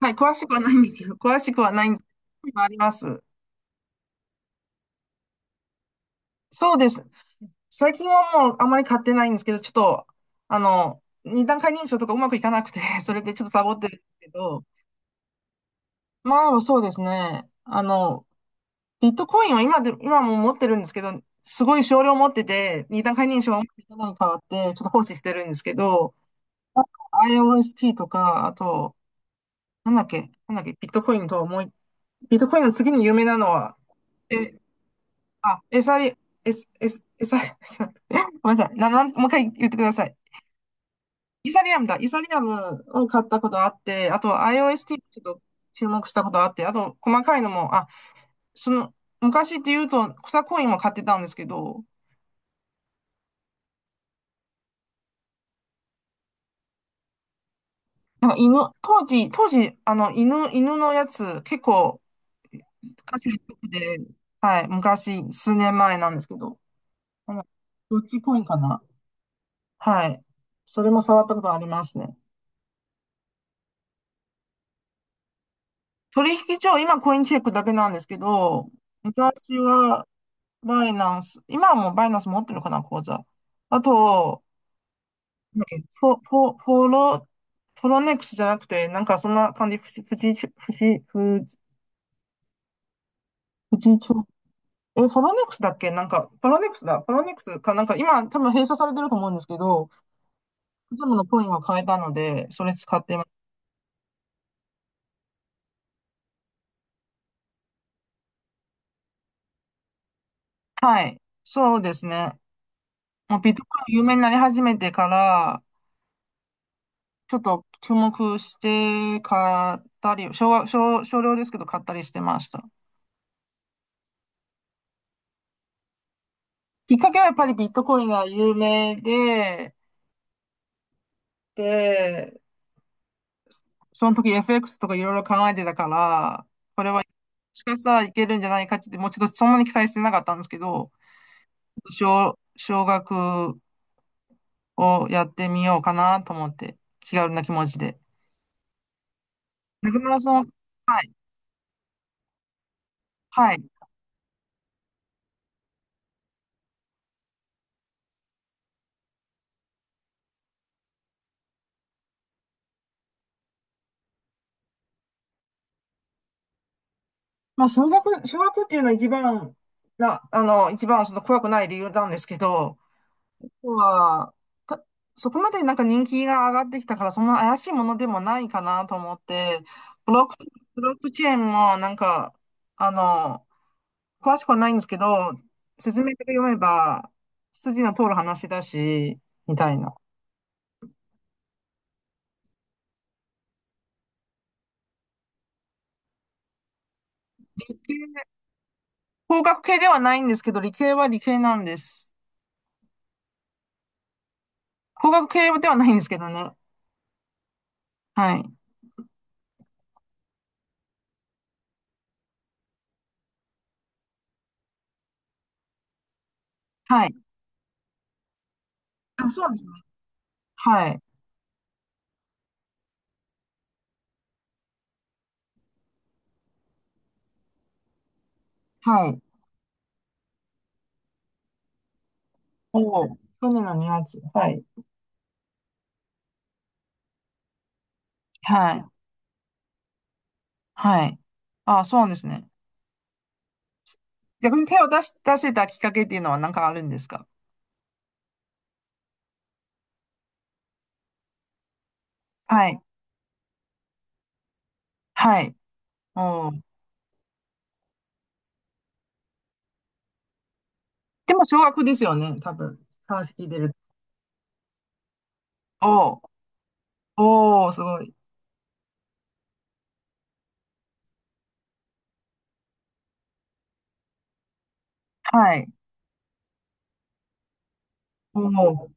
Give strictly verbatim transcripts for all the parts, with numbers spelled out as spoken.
はい、詳しくはないんですけど、詳しくはないんですけど、あります。そうです。最近はもうあまり買ってないんですけど、ちょっと、あの、二段階認証とかうまくいかなくて、それでちょっとサボってるんですけど、まあそうですね。あの、ビットコインは今で、今も持ってるんですけど、すごい少量持ってて、二段階認証がうまくいかないに変わって、ちょっと放置してるんですけど、あ アイオーエスティー とか、あと、なんだっけ、なんだっけ、ビットコインともうい、ビットコインの次に有名なのは、えあ、エサリ、エス、エス、エサ、ごめんなさい。な、なん、もう一回言ってください。イサリアムだ。イサリアムを買ったことあって、あと iOST ちょっと注目したことあって、あと細かいのも、あ、その、昔って言うと草コインも買ってたんですけど、なんか犬、当時、当時、あの、犬、犬のやつ結構、昔で、はい、昔、数年前なんですけど、あの、どっちコインかな。はい。それも触ったことありますね。取引所、今コインチェックだけなんですけど、昔はバイナンス、今はもうバイナンス持ってるかな、口座。あと、なんだっけ、フォ、フォ、フォロ、フォロネックスじゃなくて、なんかそんな感じ、富士、富士、富士、富士、富士町。え、フォロネックスだっけなんか、フォロネックスだ。フォロネックスか、なんか今多分閉鎖されてると思うんですけど、いつものコインは買えたので、それ使ってます。はい。そうですね。もうビットコイン有名になり始めてから、ちょっと注目して買ったり、少は、少、少量ですけど買ったりしてました。きっかけはやっぱりビットコインが有名で、で、その時 エフエックス とかいろいろ考えてたから、これはもしかしたらいけるんじゃないかって、もうちょっとそんなに期待してなかったんですけど、少、少額をやってみようかなと思って、気軽な気持ちで。中村さんは、はい、はい。まあ、少額、少額っていうのは一番、な、あの、一番その怖くない理由なんですけど、は、た、そこまでなんか人気が上がってきたから、そんな怪しいものでもないかなと思って、ブロック、ブロックチェーンもなんか、あの、詳しくはないんですけど、説明だけ読めば、筋の通る話だし、みたいな。工学系ではないんですけど、理系は理系なんです。工学系ではないんですけどね。はい。はい。あ、そうですね。はい。はい。おお、去年のにがつ。はい。はい。はい。あ、そうですね。逆に手を出し、出せたきっかけっていうのは何かあるんですか？はい。はい。おー。でも小学ですよね、多分。話聞いてる。おー。おーすごい。はい。おー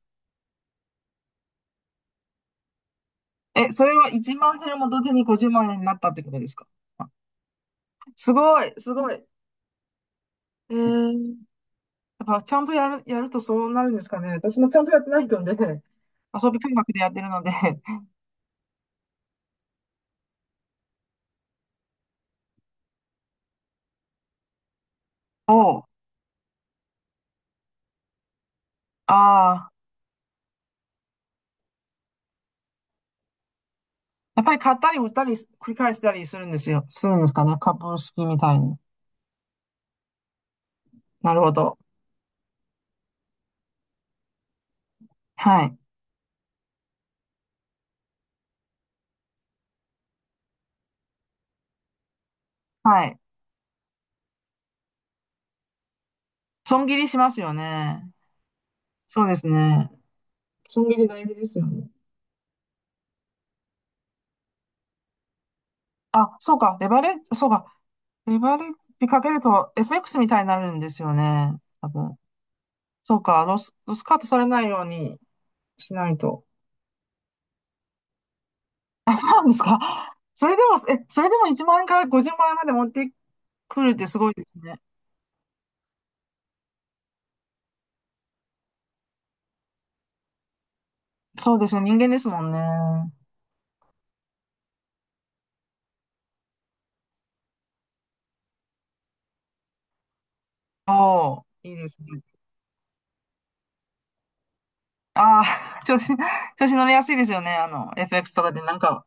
え、それはいちまん円も元手にごじゅうまん円になったってことですか？あすごい、すごい。えー、やっぱちゃんとやる、やるとそうなるんですかね。私もちゃんとやってない人で、遊び感覚でやってるので。おーああ、やっぱり買ったり売ったり繰り返したりするんですよ。するんですかね。株式みたいに。なるほど。はい。はい。損切りしますよね。そうですね。損切り大事ですよね。あ、そうか。レバレッジ、そうか。レバレッジかけると エフエックス みたいになるんですよね。多分。そうか。ロス、ロスカットされないようにしないと。あ、そうなんですか。それでも、え、それでもいちまん円からごじゅうまん円まで持ってくるってすごいですね。そうですよ。人間ですもんね。おー、いいですね。ああ、調子、調子乗りやすいですよね。あの、エフエックス とかでなんか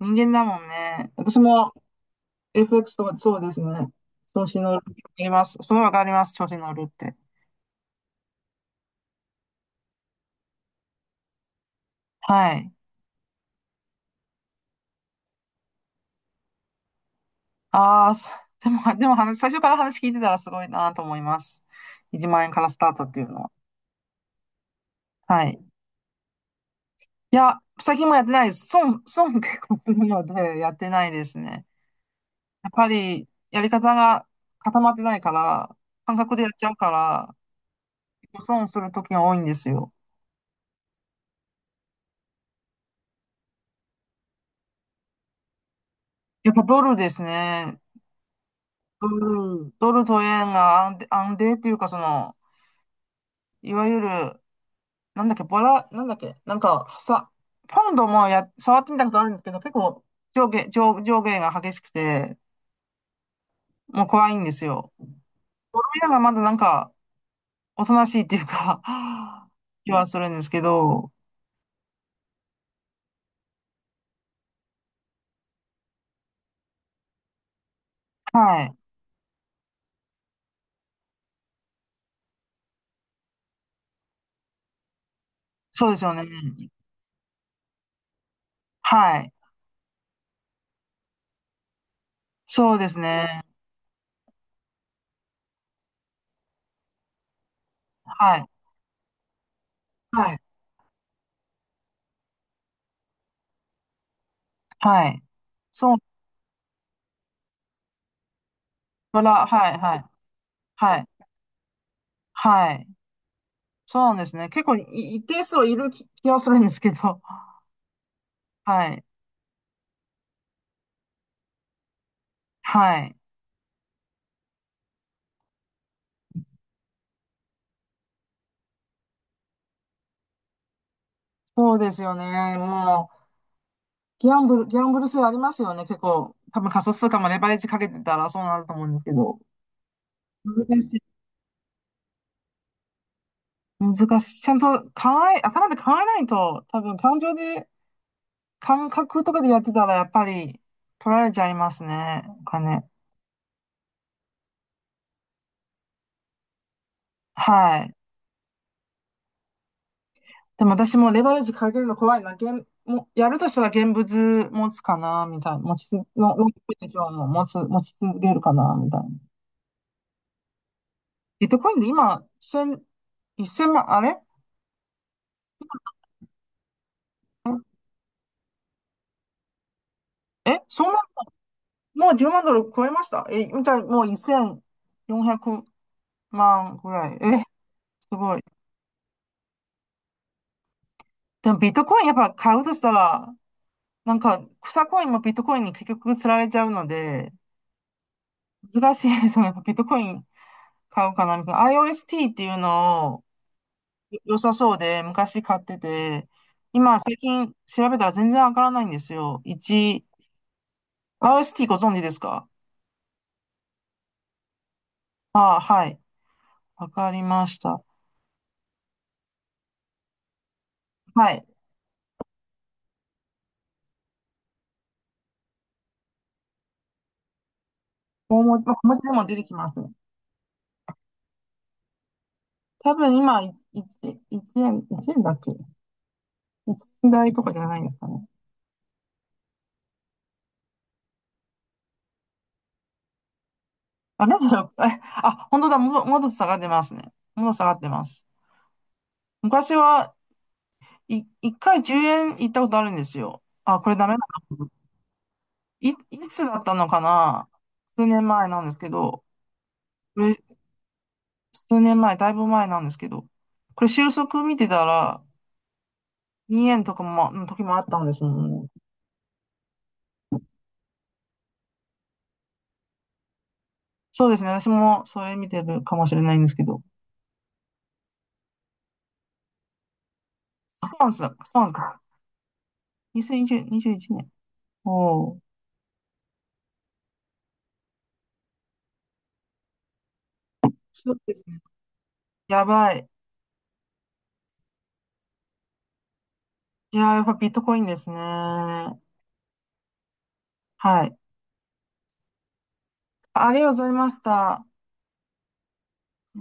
人間だもんね。私も エフエックス とかそうですね。調子乗る。わかります。それはわかります。調子乗るって。はい。ああ、そ でも、でも話、最初から話聞いてたらすごいなと思います。いちまん円からスタートっていうのは。はい。いや、最近もやってないです。損、損結構するので、やってないですね。やっぱり、やり方が固まってないから、感覚でやっちゃうから、結構損する時が多いんですよ。やっぱドルですね。うん、ドルと円が安定、安定っていうか、その、いわゆる、なんだっけ、ボラ、なんだっけ、なんか、さ、ポンドもや、触ってみたことあるんですけど、結構、上下、上、上下が激しくて、もう怖いんですよ。ドル円がまだなんか、おとなしいっていうか 気はするんですけど、はい。そうですよね。はい。そうですね。はい。はい。はい。そう、ボラ、はい、はい、はい、はい。そうなんですね。結構い一定数はいる気、気はするんですけど。はい。はい。そうですよね。もう、ギャンブル、ギャンブル性ありますよね。結構、多分仮想通貨もレバレッジかけてたらそうなると思うんですけど。難しい。難しい。ちゃんと考え、頭で考えないと、多分感情で、感覚とかでやってたらやっぱり取られちゃいますね。お金。はい。でも私もレバレッジかけるの怖いな。現もやるとしたら現物持つかな、みたいな。持ちつ、も持ちつ、大きい手帳も持つ、持ち続けるかな、みたいな。ビットコインで今、千、一千万、あれえ、そんな、もうじゅうまんドル超えましたえ、じゃあもうせんよんひゃくまんぐらい。え、すごい。でもビットコインやっぱ買うとしたら、なんか、草コインもビットコインに結局釣られちゃうので、難しいですよね。ビットコイン買うかなみたいな。アイオーエスティー っていうのを、良さそうで、昔買ってて、今最近調べたら全然わからないんですよ。いち、アールエスティー ご存知ですか？ああ、はい。わかりました。はい。大文字、ま小文字でも出てきます。多分今、いいいちえん、いちえんだっけ？ いち 台とかじゃないんですかね。あ、なんだろう。えあ、本当だ。も、もっと下がってますね。もっと下がってます。昔は、い、いっかいじゅうえん行ったことあるんですよ。あ、これダメだな。い、いつだったのかな。数年前なんですけど、これ、数年前、だいぶ前なんですけど、これ収束見てたら、にえんとかも、の時もあったんですもんね。そうですね。私もそれ見てるかもしれないんですけど。あ、そうなんですか。そうなんですか。にせんにじゅう、にじゅういちねん。おお。そうですね。やばい。いやー、やっぱビットコインですね。はい。ありがとうございました。